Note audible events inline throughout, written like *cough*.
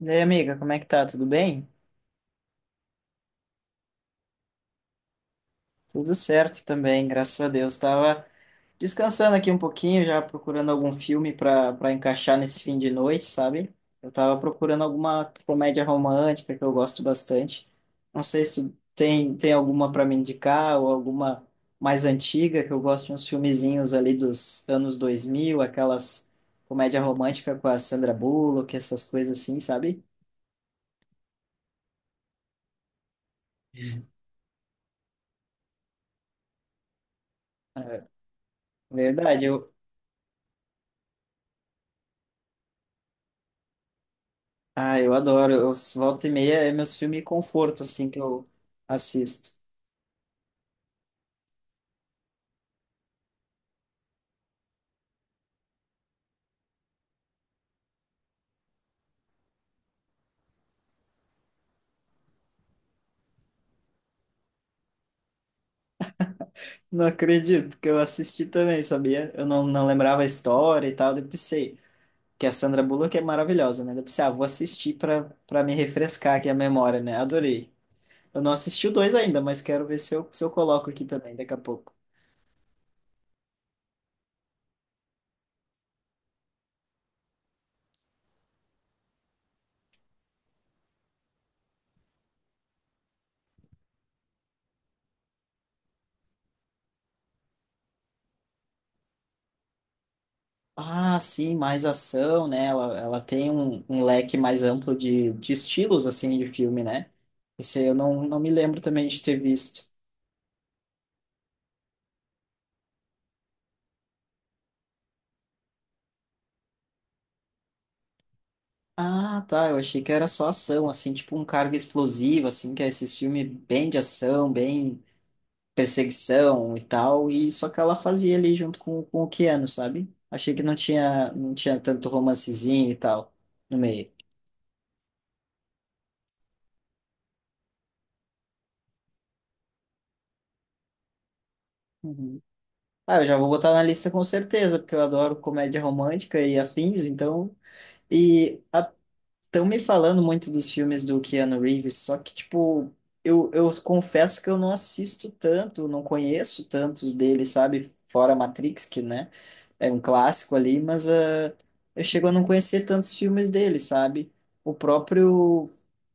E aí, amiga, como é que tá? Tudo bem? Tudo certo também, graças a Deus. Tava descansando aqui um pouquinho, já procurando algum filme para encaixar nesse fim de noite, sabe? Eu tava procurando alguma comédia romântica que eu gosto bastante. Não sei se tu tem alguma para me indicar ou alguma mais antiga, que eu gosto de uns filmezinhos ali dos anos dois mil, aquelas comédia romântica com a Sandra Bullock, essas coisas assim, sabe? É verdade, eu, ah, eu adoro. Eu, volta e meia é meus filmes conforto, assim, que eu assisto. Não acredito que eu assisti também, sabia? Eu não lembrava a história e tal. Daí eu pensei que a Sandra Bullock é maravilhosa, né? Daí eu pensei, ah, vou assistir pra me refrescar aqui a memória, né? Adorei. Eu não assisti o dois ainda, mas quero ver se eu coloco aqui também daqui a pouco. Ah, sim, mais ação, né? Ela tem um, um leque mais amplo de estilos, assim, de filme, né? Esse eu não me lembro também de ter visto. Ah, tá. Eu achei que era só ação, assim, tipo um cargo explosivo, assim, que é esses filmes bem de ação, bem perseguição e tal. E só que ela fazia ali junto com o Keanu, sabe? Achei que não tinha tanto romancezinho e tal no meio. Uhum. Ah, eu já vou botar na lista com certeza, porque eu adoro comédia romântica e afins, então. E a estão me falando muito dos filmes do Keanu Reeves, só que, tipo, eu confesso que eu não assisto tanto, não conheço tantos dele, sabe? Fora Matrix, que, né, é um clássico ali, mas eu chego a não conhecer tantos filmes dele, sabe? O próprio,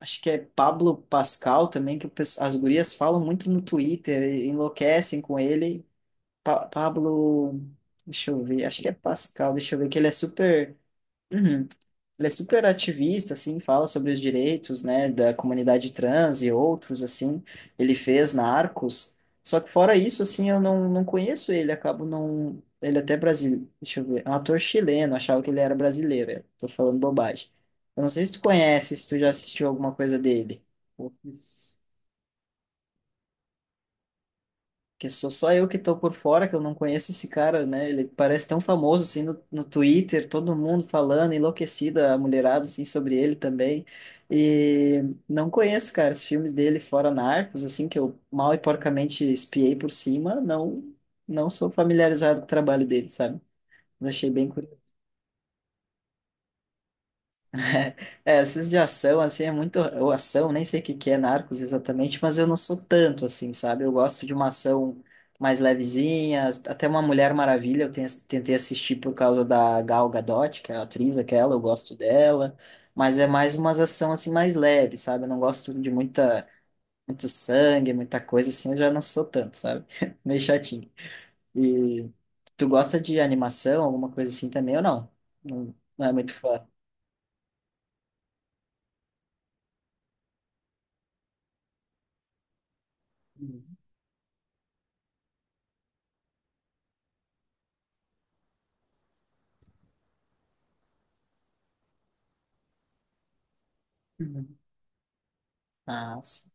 acho que é Pablo Pascal também, que o as gurias falam muito no Twitter, e enlouquecem com ele. Pa Pablo, deixa eu ver, acho que é Pascal, deixa eu ver, que ele é super. *clears throat* Uhum. Ele é super ativista, assim, fala sobre os direitos, né, da comunidade trans e outros, assim. Ele fez na Arcos. Só que fora isso, assim, eu não conheço ele, acabo não... Ele até brasileiro, deixa eu ver, é um ator chileno, achava que ele era brasileiro, eu tô falando bobagem. Eu não sei se tu conhece, se tu já assistiu alguma coisa dele. Putz. Que sou só eu que tô por fora, que eu não conheço esse cara, né? Ele parece tão famoso, assim, no, no Twitter, todo mundo falando, enlouquecida, a mulherada, assim, sobre ele também. E não conheço, cara, os filmes dele fora Narcos, assim, que eu mal e porcamente espiei por cima, não sou familiarizado com o trabalho dele, sabe? Mas achei bem curioso. É, esses de ação, assim, é muito. Ou ação, nem sei o que que é Narcos exatamente, mas eu não sou tanto, assim, sabe? Eu gosto de uma ação mais levezinha, até uma Mulher Maravilha eu tentei assistir por causa da Gal Gadot, que é a atriz aquela, eu gosto dela, mas é mais umas ação, assim, mais leve, sabe? Eu não gosto de muita, muito sangue, muita coisa, assim, eu já não sou tanto, sabe? *laughs* Meio chatinho. E tu gosta de animação, alguma coisa assim também, ou não? Não, não é muito fã. Uhum. Ah, s-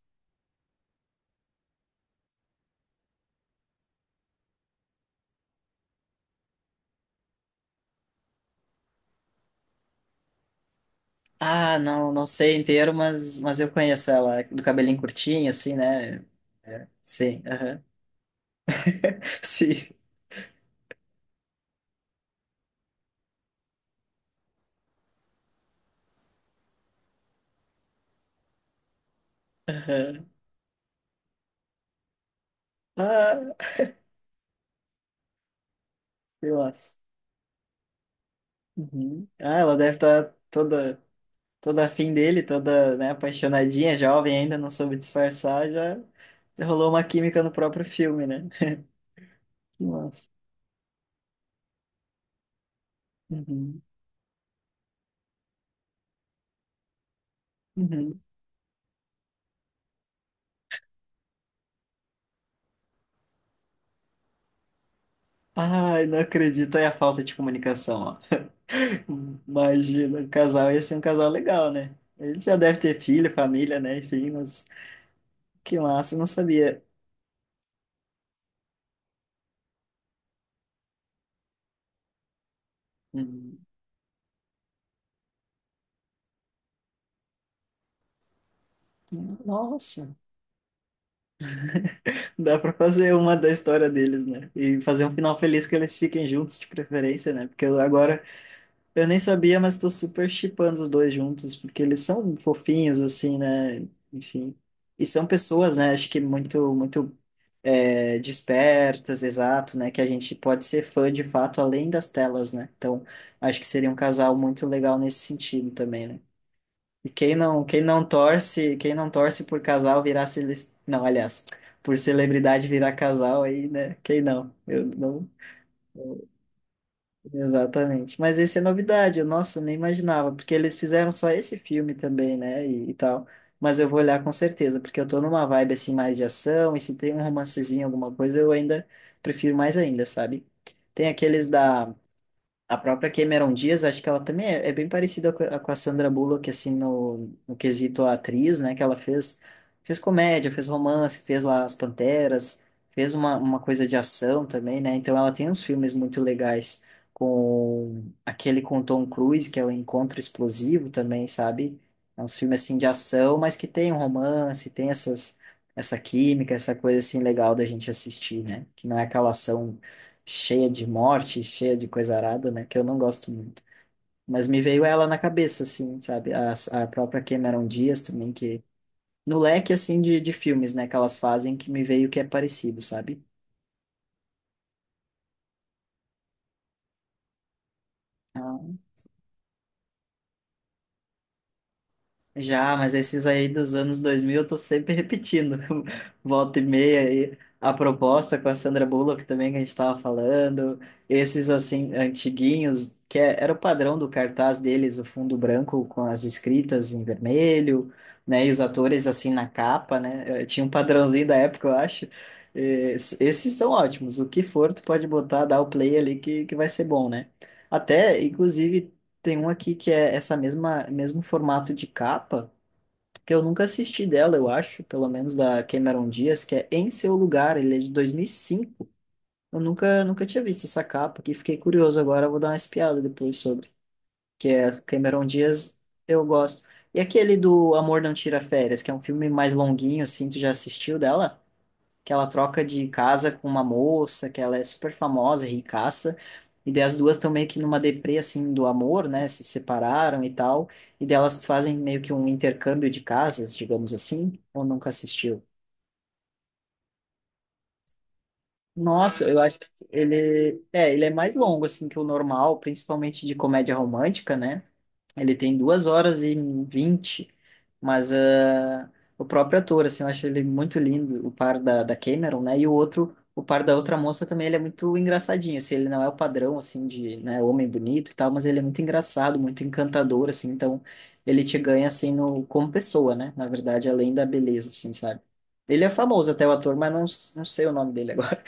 ah, não, não sei inteiro, mas eu conheço ela, é do cabelinho curtinho, assim, né? É, sim, aham. *laughs* Sim, aham. Ah, eu acho. Uhum. Ah, ela deve estar toda, toda afim dele, toda, né, apaixonadinha, jovem ainda, não soube disfarçar, já rolou uma química no próprio filme, né? *laughs* Que massa. Uhum. Uhum. Ai, não acredito, é a falta de comunicação, ó. Imagina, o casal ia ser um casal legal, né? Ele já deve ter filho, família, né? Enfim, mas que massa, eu não sabia. Hum, Nossa, dá pra fazer uma da história deles, né? E fazer um final feliz que eles fiquem juntos de preferência, né? Porque eu agora eu nem sabia, mas tô super shippando os dois juntos, porque eles são fofinhos, assim, né? Enfim. E são pessoas, né? Acho que muito, muito é, despertas, exato, né? Que a gente pode ser fã de fato além das telas, né? Então, acho que seria um casal muito legal nesse sentido também, né? E quem não torce por casal virar cele... não, aliás, por celebridade virar casal aí, né? Quem não? Eu não, exatamente. Mas esse é novidade, eu, nossa, eu nem imaginava, porque eles fizeram só esse filme também, né, e tal. Mas eu vou olhar com certeza, porque eu tô numa vibe assim mais de ação, e se tem um romancezinho, alguma coisa, eu ainda prefiro mais ainda, sabe? Tem aqueles da a própria Cameron Diaz, acho que ela também é, é bem parecida com a Sandra Bullock, assim, no, no quesito atriz, né? Que ela fez, fez comédia, fez romance, fez lá As Panteras, fez uma coisa de ação também, né? Então ela tem uns filmes muito legais com aquele com o Tom Cruise, que é o Encontro Explosivo também, sabe? É uns filmes, assim, de ação, mas que tem um romance, tem essas, essa química, essa coisa, assim, legal da gente assistir, né? Que não é aquela ação cheia de morte, cheia de coisa arada, né? Que eu não gosto muito. Mas me veio ela na cabeça, assim, sabe? A própria Cameron Diaz também, que... No leque, assim, de filmes, né? Que elas fazem, que me veio que é parecido, sabe? Ah, já, mas esses aí dos anos 2000 eu tô sempre repetindo. *laughs* Volta e meia aí. A proposta com a Sandra Bullock também que a gente tava falando. Esses, assim, antiguinhos, era o padrão do cartaz deles, o fundo branco com as escritas em vermelho, né? E os atores, assim, na capa, né? Tinha um padrãozinho da época, eu acho. Esses são ótimos. O que for, tu pode botar, dar o play ali que vai ser bom, né? Até, inclusive, tem um aqui que é essa mesma mesmo formato de capa, que eu nunca assisti dela, eu acho, pelo menos da Cameron Diaz, que é Em Seu Lugar, ele é de 2005. Eu nunca tinha visto essa capa aqui, fiquei curioso agora, eu vou dar uma espiada depois sobre, que é Cameron Diaz, eu gosto. E aquele do Amor Não Tira Férias, que é um filme mais longuinho assim, tu já assistiu dela? Que ela troca de casa com uma moça, que ela é super famosa, ricaça, e daí as duas estão meio que numa deprê, assim, do amor, né, se separaram e tal, e daí elas fazem meio que um intercâmbio de casas, digamos assim, ou nunca assistiu? Nossa, eu acho que ele é mais longo assim que o normal, principalmente de comédia romântica, né? Ele tem 2 horas e 20, mas ah, o próprio ator, assim, eu acho ele muito lindo, o par da, da Cameron, né? E o outro, o par da outra moça também, ele é muito engraçadinho, assim, ele não é o padrão, assim, de, né, homem bonito e tal, mas ele é muito engraçado, muito encantador, assim, então ele te ganha, assim, no, como pessoa, né? Na verdade, além da beleza, assim, sabe? Ele é famoso até o ator, mas não, não sei o nome dele agora.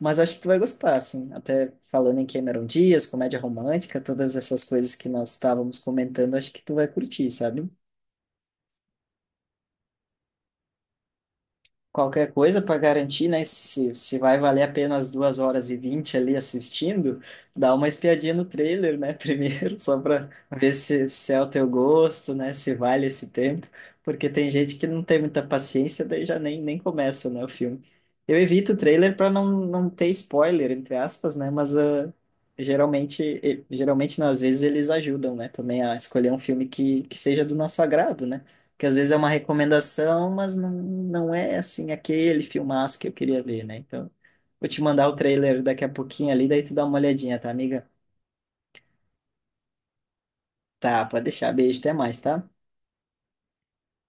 Mas acho que tu vai gostar, assim. Até falando em Cameron Dias, comédia romântica, todas essas coisas que nós estávamos comentando, acho que tu vai curtir, sabe? Qualquer coisa para garantir, né? Se vai valer apenas 2 horas e 20 ali assistindo, dá uma espiadinha no trailer, né? *laughs* Primeiro, só para ver se, se é o teu gosto, né? Se vale esse tempo, porque tem gente que não tem muita paciência, daí já nem, nem começa, né, o filme. Eu evito o trailer para não, não ter spoiler, entre aspas, né? Mas ah, geralmente não, às vezes eles ajudam, né? Também a escolher um filme que seja do nosso agrado, né? Que às vezes é uma recomendação, mas não, não é assim aquele filmaço que eu queria ver, né? Então, vou te mandar o trailer daqui a pouquinho ali, daí tu dá uma olhadinha, tá, amiga? Tá, pode deixar. Beijo, até mais, tá?